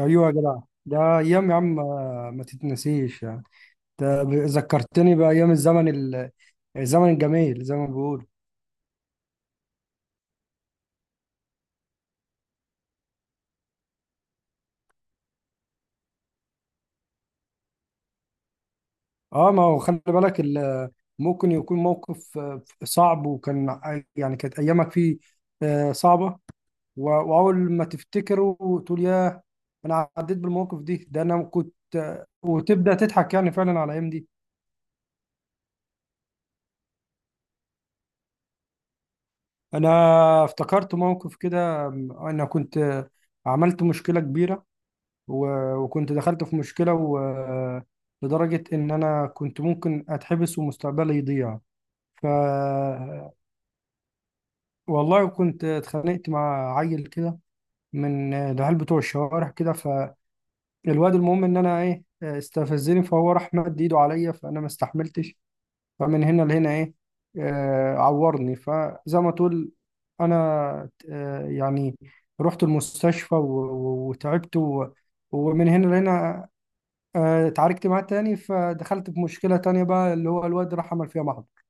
ايوه يا جدع. ده ايام يا عم، ما تتنسيش يعني. ذكرتني بايام الزمن الجميل زي ما بيقول. اه، ما هو خلي بالك. ممكن يكون موقف صعب، يعني كانت ايامك فيه صعبه. و... واول ما تفتكره وتقول ياه، انا عديت بالمواقف دي. ده انا كنت. وتبدا تضحك يعني فعلا على الايام دي. انا افتكرت موقف كده. انا كنت. عملت مشكله كبيره، و- وكنت دخلت في مشكلة. لدرجة إن أنا كنت ممكن أتحبس ومستقبلي يضيع. ف والله كنت اتخانقت مع عيل كده، من العيال بتوع الشوارع كده. فالواد المهم إن أنا إيه استفزني، فهو راح مد إيده عليا، فأنا ما استحملتش. فمن هنا لهنا إيه، عورني. فزي ما تقول، أنا آه، يعني رحت المستشفى و- و- وتعبت ومن هنا لهنا اتعاركت معاه تاني، فدخلت في مشكلة تانية بقى، اللي هو الواد راح عمل فيها محضر.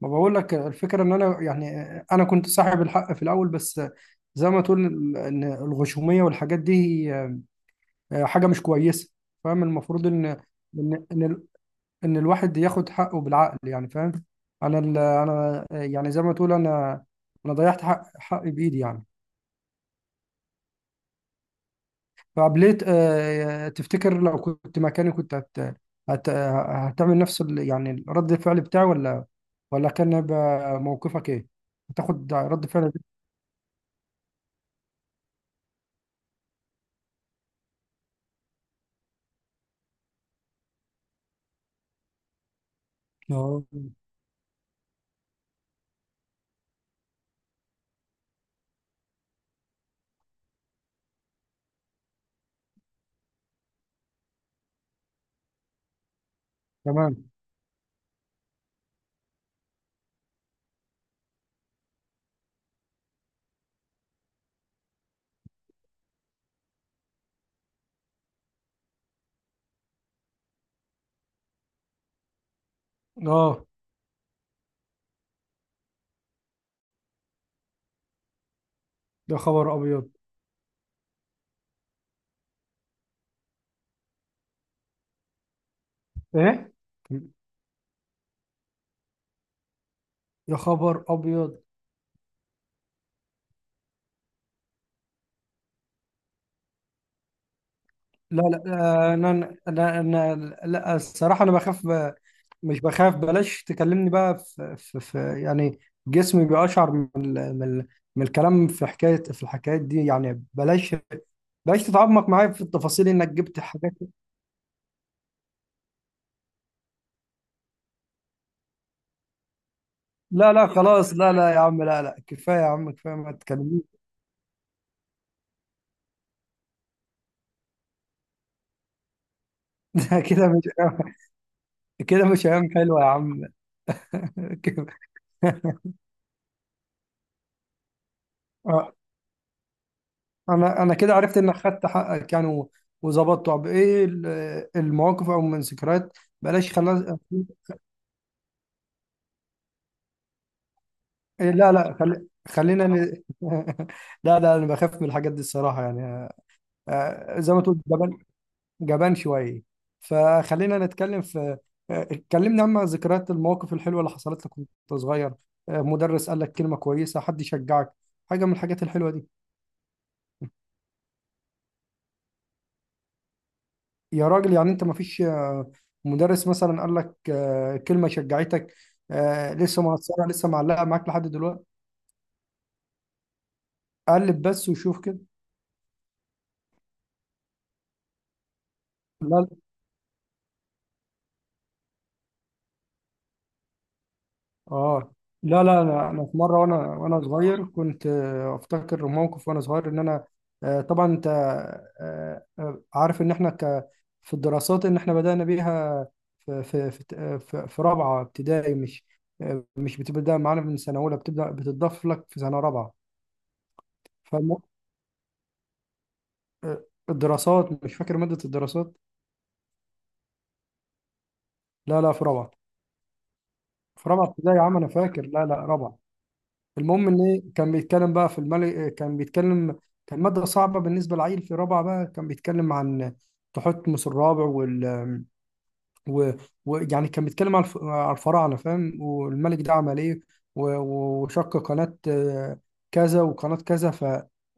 ما بقول لك، الفكرة ان انا يعني انا كنت صاحب الحق في الاول، بس زي ما تقول، ان الغشومية والحاجات دي، هي حاجة مش كويسة، فاهم؟ المفروض إن الواحد ياخد حقه بالعقل، يعني فاهم. انا يعني زي ما تقول، انا انا ضيعت حقي بايدي يعني. طب ليه؟ تفتكر لو كنت مكاني كنت هتعمل نفس يعني رد الفعل بتاعي، ولا ولا كان هيبقى موقفك ايه؟ هتاخد رد فعل ده؟ اه. تمام. اه. يا خبر ابيض! ايه؟ يا خبر ابيض! لا، لا، انا انا. لا، الصراحه انا مش بخاف، بلاش تكلمني بقى في, يعني. جسمي بيقشعر من الكلام، في حكايه، في الحكايات دي، يعني بلاش، بلاش تتعمق معايا في التفاصيل انك جبت حاجات. لا لا، خلاص، لا لا يا عم، لا لا كفايه يا عم، كفايه ما تكلمنيش. كده مش، كده مش ايام حلوه يا عم. كده. انا كده عرفت انك خدت حقك، يعني و- وظبطت. طب ايه المواقف او من ذكريات؟ بلاش، خلاص. إيه، لا لا، خلينا لا لا، انا بخاف من الحاجات دي الصراحه، يعني زي ما تقول، جبان، جبان شويه. فخلينا نتكلم في آه، اتكلمنا عن ذكريات المواقف الحلوه اللي حصلت لك وانت صغير. مدرس قال لك كلمه كويسه، حد يشجعك، حاجه من الحاجات الحلوه دي. يا راجل، يعني انت مفيش مدرس مثلا قال لك كلمة شجعتك، لسه مؤثرة، لسه معلقة معاك لحد دلوقتي؟ قلب بس وشوف كده. لا. اه لا لا، انا انا في مره وانا وانا صغير كنت، افتكر موقف وانا صغير، ان انا، طبعا انت عارف ان احنا في الدراسات، ان احنا بدانا بيها في رابعه ابتدائي، مش مش بتبدا معانا من سنه اولى، بتبدا بتضاف لك في سنه رابعه. آه، الدراسات، مش فاكر مادة الدراسات؟ لا لا، في رابعة، في رابعة ابتدائي يا عم، أنا فاكر، لا لا رابعة. المهم إن إيه، كان بيتكلم بقى في الملك، كان بيتكلم، كان مادة صعبة بالنسبة للعيل في رابعة، بقى كان بيتكلم عن تحتمس الرابع وال و- ويعني كان بيتكلم على على الفراعنه، فاهم؟ والملك ده عمل ايه، و- و- وشق قناه كذا، وقناه كذا، ف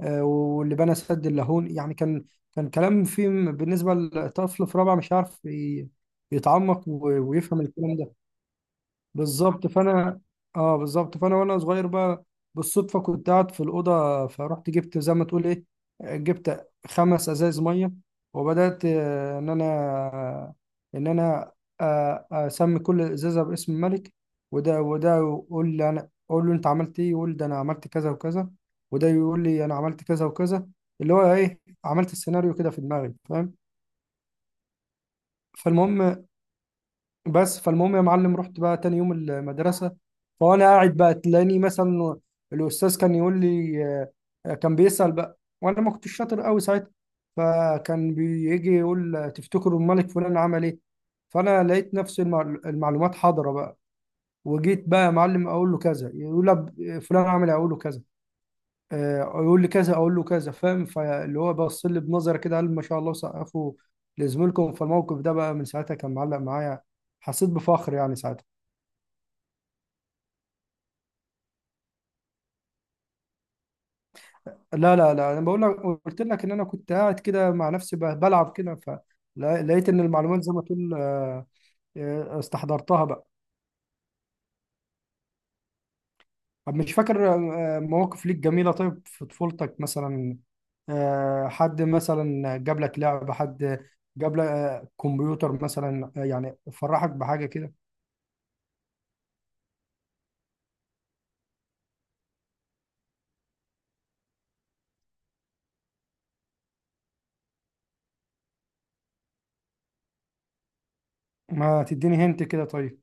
آه، واللي بنى سد اللاهون، يعني كان، كان كلام فيه بالنسبه لطفل في رابعه، مش يتعمق ويفهم الكلام ده. بالظبط، فانا، اه بالظبط، فانا وانا صغير بقى، بالصدفه كنت قاعد في الاوضه، فرحت جبت زي ما تقول ايه، جبت خمس ازايز ميه، وبدات، ان انا، ان انا، اسمي كل ازازه باسم الملك. وده وده يقول لي، انا اقول له انت عملت ايه، يقول ده انا عملت كذا وكذا، وده يقول لي انا عملت كذا وكذا، اللي هو ايه، عملت السيناريو كده في دماغي، فاهم؟ فالمهم، بس فالمهم يا معلم، رحت بقى تاني يوم المدرسة، فأنا قاعد بقى، تلاقيني مثلا الأستاذ كان يقول لي، كان بيسأل بقى، وأنا ما كنتش شاطر قوي ساعتها، فكان بيجي يقول تفتكروا الملك فلان عمل إيه، فأنا لقيت نفس المعلومات حاضرة بقى. وجيت بقى يا معلم أقول له كذا، يقول لي فلان عمل إيه؟ أقول له كذا، يقول لي كذا اقول له كذا، فاهم؟ فاللي هو بص لي بنظره كده، قال ما شاء الله، سقفوا لزميلكم. فالموقف ده بقى من ساعتها كان معلق معايا، حسيت بفخر يعني ساعتها. لا لا لا، انا بقول لك، قلت لك ان انا كنت قاعد كده مع نفسي بلعب كده، فلقيت ان المعلومات زي ما تقول، استحضرتها بقى. طب مش فاكر مواقف ليك جميله، طيب في طفولتك مثلا، حد مثلا جاب لك لعبه، حد جاب لك كمبيوتر مثلا، يعني فرحك بحاجه كده؟ ما تديني هنت كده طيب.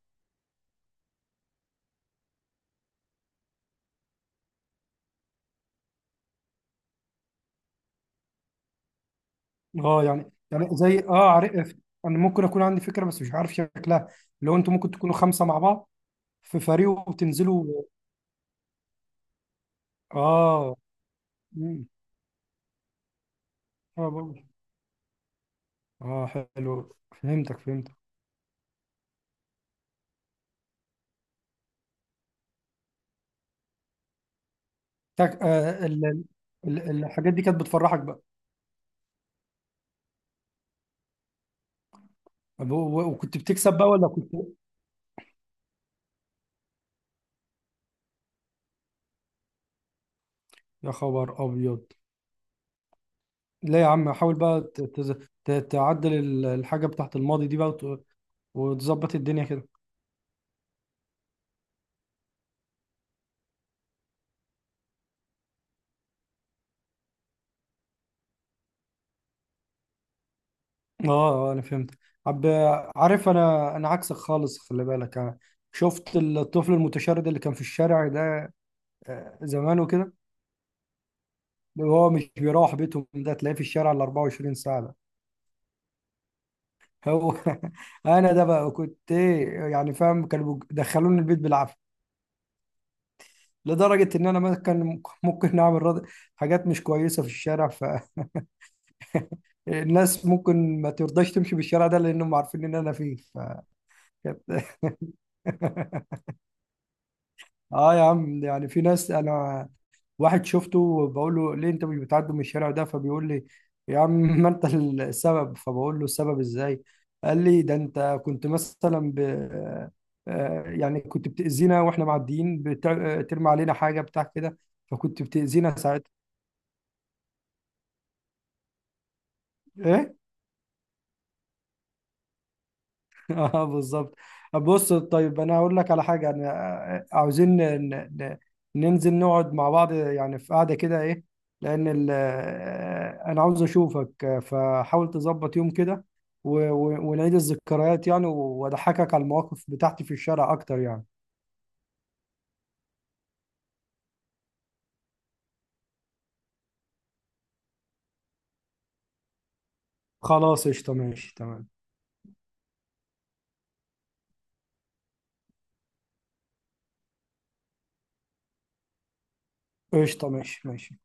اه، يعني زي اه، عارف، انا ممكن اكون عندي فكره، بس مش عارف شكلها. لو انتوا ممكن تكونوا خمسه مع بعض في فريق وتنزلوا. اه. مم. اه بقول. اه. حلو. فهمتك فهمتك. تك... آه ال... ال... ال- الحاجات دي كانت بتفرحك بقى؟ طب و- و- وكنت بتكسب بقى ولا كنت؟ يا خبر ابيض! لا يا عم، حاول بقى تعدل الحاجه بتاعت الماضي دي بقى، وتظبط الدنيا كده. اه، اه انا فهمت. عب عارف، انا عكسك خالص، خلي بالك، أنا شفت الطفل المتشرد اللي كان في الشارع ده زمان وكده، اللي هو مش بيروح بيته، ده تلاقيه في الشارع ال 24 ساعة. ده هو انا. ده بقى كنت ايه يعني، فاهم؟ كانوا دخلوني البيت بالعافية، لدرجة ان انا ما كان ممكن نعمل حاجات مش كويسة في الشارع. فالناس ممكن ما ترضاش تمشي بالشارع ده، لانهم عارفين ان انا فيه. فكانت اه يا عم، يعني في ناس، انا واحد شفته بقول له ليه انت مش بتعدي من الشارع ده، فبيقول لي يا عم، ما انت السبب. فبقول له السبب ازاي، قال لي ده انت كنت مثلا ب... آه، يعني كنت بتأذينا واحنا معديين، بترمي علينا حاجة بتاع كده، فكنت بتأذينا ساعتها. ايه. اه بالظبط. بص طيب، انا هقول لك على حاجه، انا عاوزين ن- ننزل نقعد مع بعض، يعني في قعده كده ايه، لان انا عاوز اشوفك، فحاول تظبط يوم كده و- و- ونعيد الذكريات، يعني واضحكك على المواقف بتاعتي في الشارع اكتر يعني. خلاص قشطه، ماشي، تمام. قشطه، ماشي ماشي.